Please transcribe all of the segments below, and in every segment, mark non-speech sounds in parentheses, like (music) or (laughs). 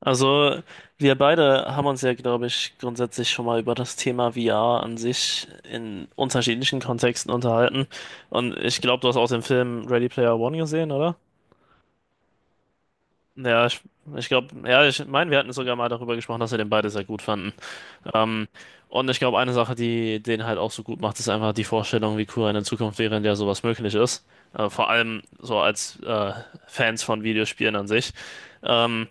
Also, wir beide haben uns ja, glaube ich, grundsätzlich schon mal über das Thema VR an sich in unterschiedlichen Kontexten unterhalten. Und ich glaube, du hast auch den Film Ready Player One gesehen, oder? Ja, ich glaube, ja, ich meine, wir hatten sogar mal darüber gesprochen, dass wir den beide sehr gut fanden. Ähm, und ich glaube, eine Sache, die den halt auch so gut macht, ist einfach die Vorstellung, wie cool eine Zukunft wäre, in der sowas möglich ist. Vor allem so als Fans von Videospielen an sich. Ähm,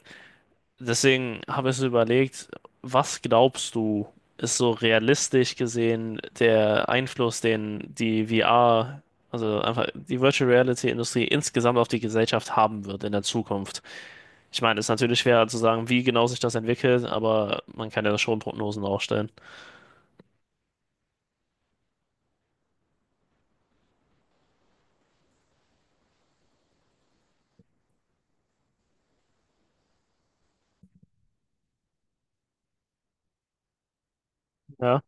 Deswegen habe ich so überlegt, was glaubst du, ist so realistisch gesehen der Einfluss, den die VR, also einfach die Virtual Reality Industrie insgesamt auf die Gesellschaft haben wird in der Zukunft? Ich meine, es ist natürlich schwer zu sagen, wie genau sich das entwickelt, aber man kann ja schon Prognosen aufstellen. Ja,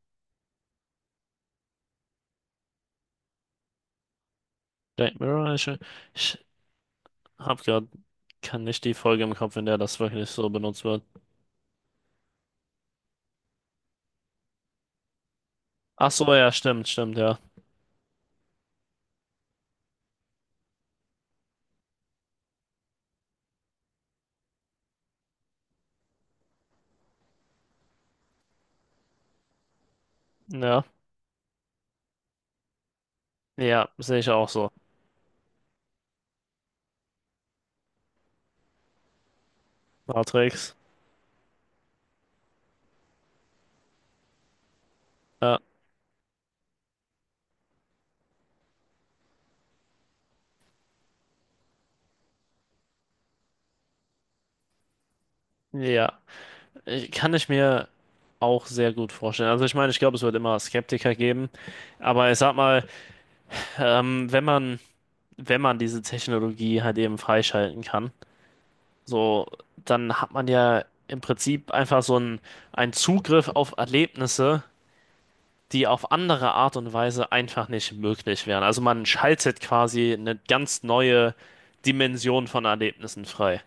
Black Mirror, ich habe kann nicht die Folge im Kopf, in der das wirklich so benutzt wird. Ach so, ja, stimmt, stimmt, ja. Ja, ja, sehe ich auch so. Matrix, ja, ja. Ich, kann ich mir auch sehr gut vorstellen. Also ich meine, ich glaube, es wird immer Skeptiker geben, aber ich sag mal, ähm, wenn man, wenn man diese Technologie halt eben freischalten kann, so, dann hat man ja im Prinzip einen Zugriff auf Erlebnisse, die auf andere Art und Weise einfach nicht möglich wären. Also man schaltet quasi eine ganz neue Dimension von Erlebnissen frei.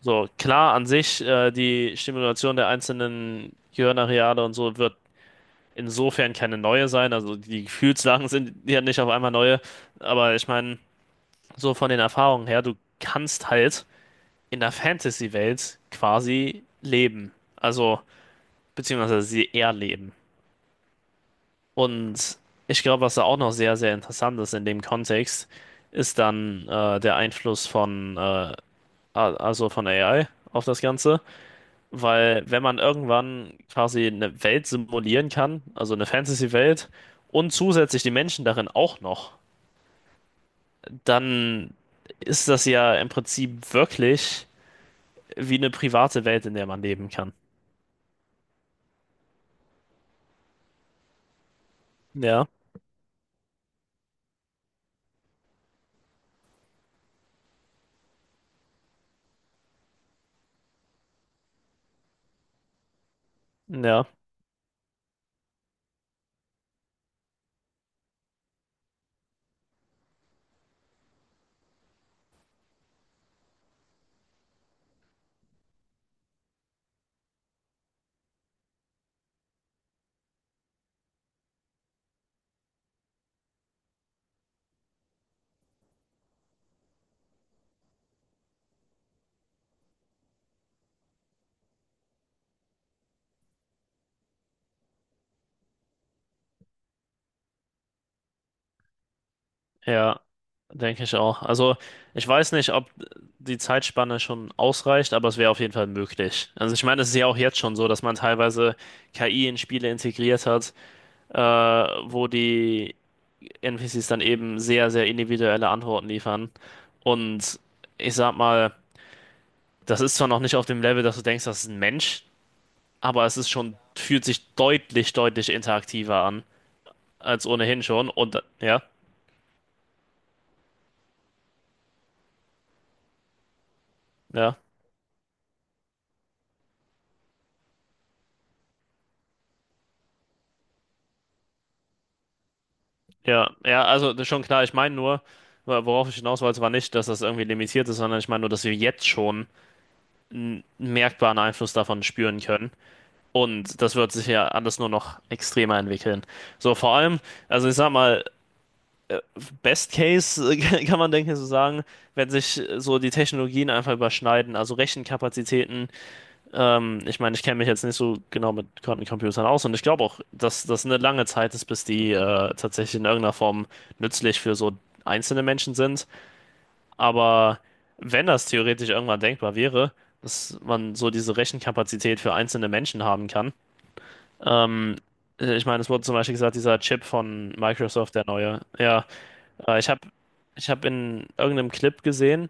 So, klar, an sich, die Stimulation der einzelnen Gehirnareale und so wird insofern keine neue sein. Also die Gefühlslagen sind ja nicht auf einmal neue. Aber ich meine, so von den Erfahrungen her, du kannst halt in der Fantasy-Welt quasi leben. Also, beziehungsweise sie erleben. Und ich glaube, was da auch noch sehr, sehr interessant ist in dem Kontext, ist dann der Einfluss also von AI auf das Ganze. Weil wenn man irgendwann quasi eine Welt simulieren kann, also eine Fantasy-Welt, und zusätzlich die Menschen darin auch noch, dann ist das ja im Prinzip wirklich wie eine private Welt, in der man leben kann. Ja, ja, ja, denke ich auch. Also ich weiß nicht, ob die Zeitspanne schon ausreicht, aber es wäre auf jeden Fall möglich. Also ich meine, es ist ja auch jetzt schon so, dass man teilweise KI in Spiele integriert hat, wo die NPCs dann eben sehr, sehr individuelle Antworten liefern. Und ich sag mal, das ist zwar noch nicht auf dem Level, dass du denkst, das ist ein Mensch, aber es ist schon, fühlt sich deutlich, deutlich interaktiver an, als ohnehin schon. Und ja, ja, ja, ja, also das ist schon klar, ich meine nur, worauf ich hinaus wollte, war nicht, dass das irgendwie limitiert ist, sondern ich meine nur, dass wir jetzt schon einen merkbaren Einfluss davon spüren können. Und das wird sich ja alles nur noch extremer entwickeln. So, vor allem, also ich sag mal, Best Case (laughs) kann man, denke ich, so sagen, wenn sich so die Technologien einfach überschneiden, also Rechenkapazitäten. Ich meine, ich kenne mich jetzt nicht so genau mit Quantencomputern aus und ich glaube auch, dass das eine lange Zeit ist, bis die tatsächlich in irgendeiner Form nützlich für so einzelne Menschen sind. Aber wenn das theoretisch irgendwann denkbar wäre, dass man so diese Rechenkapazität für einzelne Menschen haben kann, ähm, ich meine, es wurde zum Beispiel gesagt, dieser Chip von Microsoft, der neue, ja. Äh, ich habe ich hab in irgendeinem Clip gesehen,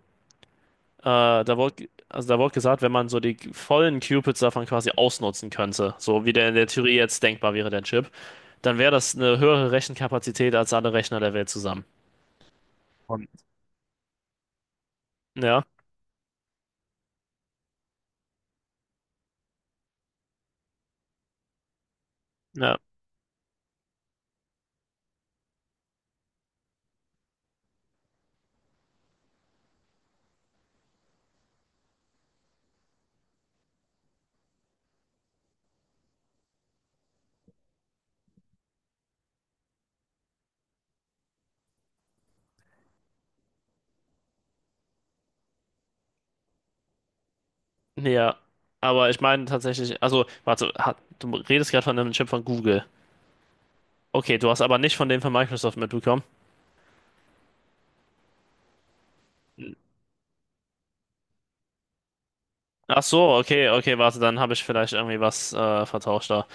also da wurde gesagt, wenn man so die vollen Cupids davon quasi ausnutzen könnte, so wie der in der Theorie jetzt denkbar wäre, der Chip, dann wäre das eine höhere Rechenkapazität als alle Rechner der Welt zusammen. Und ja, ja, ja. Aber ich meine tatsächlich, also, du redest gerade von einem Chip von Google. Okay, du hast aber nicht von dem von Microsoft mitbekommen. Ach so, okay, okay, warte, dann habe ich vielleicht irgendwie was vertauscht da.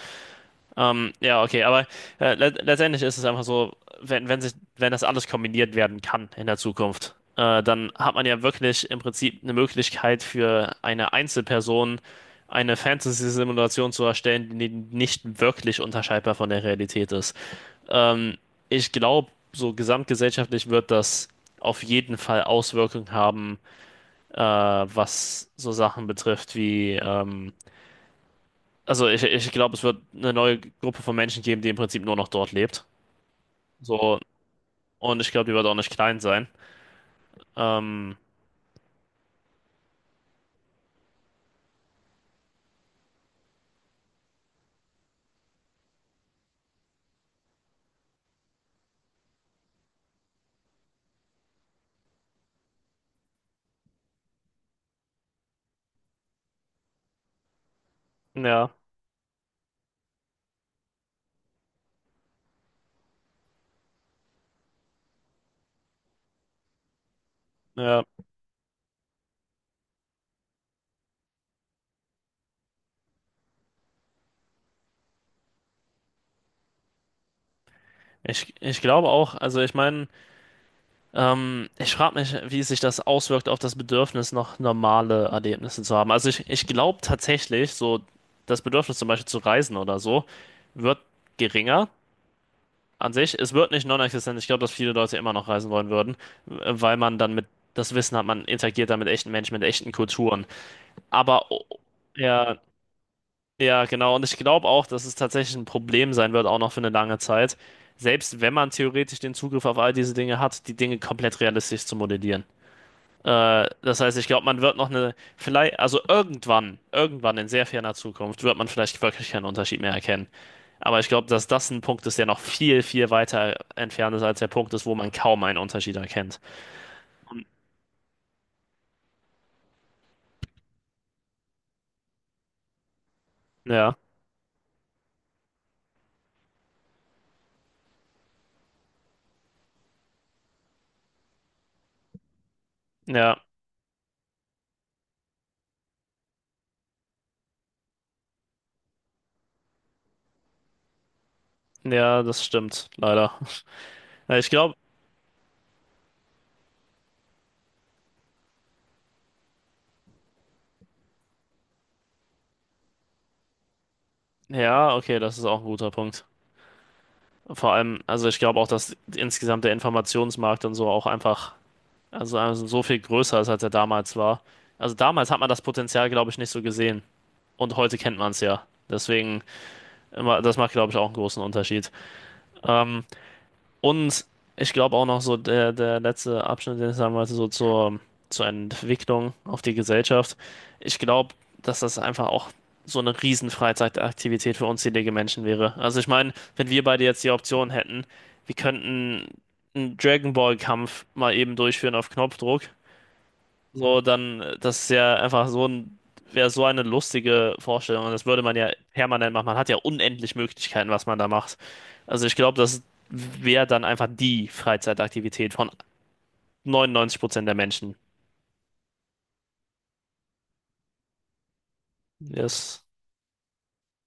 Ja, okay, aber le letztendlich ist es einfach so, wenn das alles kombiniert werden kann in der Zukunft, dann hat man ja wirklich im Prinzip eine Möglichkeit für eine Einzelperson eine Fantasy-Simulation zu erstellen, die nicht wirklich unterscheidbar von der Realität ist. Ähm, Ich glaube, so gesamtgesellschaftlich wird das auf jeden Fall Auswirkungen haben, was so Sachen betrifft wie ich glaube, es wird eine neue Gruppe von Menschen geben, die im Prinzip nur noch dort lebt. So, und ich glaube, die wird auch nicht klein sein. Ähm, ja, ja. Ich glaube auch, also ich meine, ich frage mich, wie sich das auswirkt auf das Bedürfnis, noch normale Erlebnisse zu haben. Ich glaube tatsächlich, so das Bedürfnis zum Beispiel zu reisen oder so, wird geringer an sich. Es wird nicht non-existent. Ich glaube, dass viele Leute immer noch reisen wollen würden, weil man dann mit das Wissen hat, man interagiert dann mit echten Menschen, mit echten Kulturen. Aber o- ja, ja, genau. Und ich glaube auch, dass es tatsächlich ein Problem sein wird, auch noch für eine lange Zeit. Selbst wenn man theoretisch den Zugriff auf all diese Dinge hat, die Dinge komplett realistisch zu modellieren. Das heißt, ich glaube, man wird noch eine, vielleicht, also irgendwann, irgendwann in sehr ferner Zukunft wird man vielleicht wirklich keinen Unterschied mehr erkennen. Aber ich glaube, dass das ein Punkt ist, der noch viel, viel weiter entfernt ist als der Punkt ist, wo man kaum einen Unterschied erkennt. Ja, ja, ja, das stimmt, leider. Äh, Ich glaube, ja, okay, das ist auch ein guter Punkt. Vor allem, also ich glaube auch, dass insgesamt der Informationsmarkt und so auch einfach, also so viel größer ist, als er damals war. Also damals hat man das Potenzial, glaube ich, nicht so gesehen. Und heute kennt man es ja. Das macht, glaube ich, auch einen großen Unterschied. Ähm, und ich glaube auch noch so der letzte Abschnitt, den ich sagen wollte, so zur Entwicklung auf die Gesellschaft. Ich glaube, dass das einfach auch so eine riesen Freizeitaktivität für unzählige Menschen wäre. Also ich meine, wenn wir beide jetzt die Option hätten, wir könnten einen Dragon Ball Kampf mal eben durchführen auf Knopfdruck. So, das ist ja einfach wäre so eine lustige Vorstellung. Und das würde man ja permanent machen. Man hat ja unendlich Möglichkeiten, was man da macht. Also ich glaube, das wäre dann einfach die Freizeitaktivität von 99% der Menschen. Das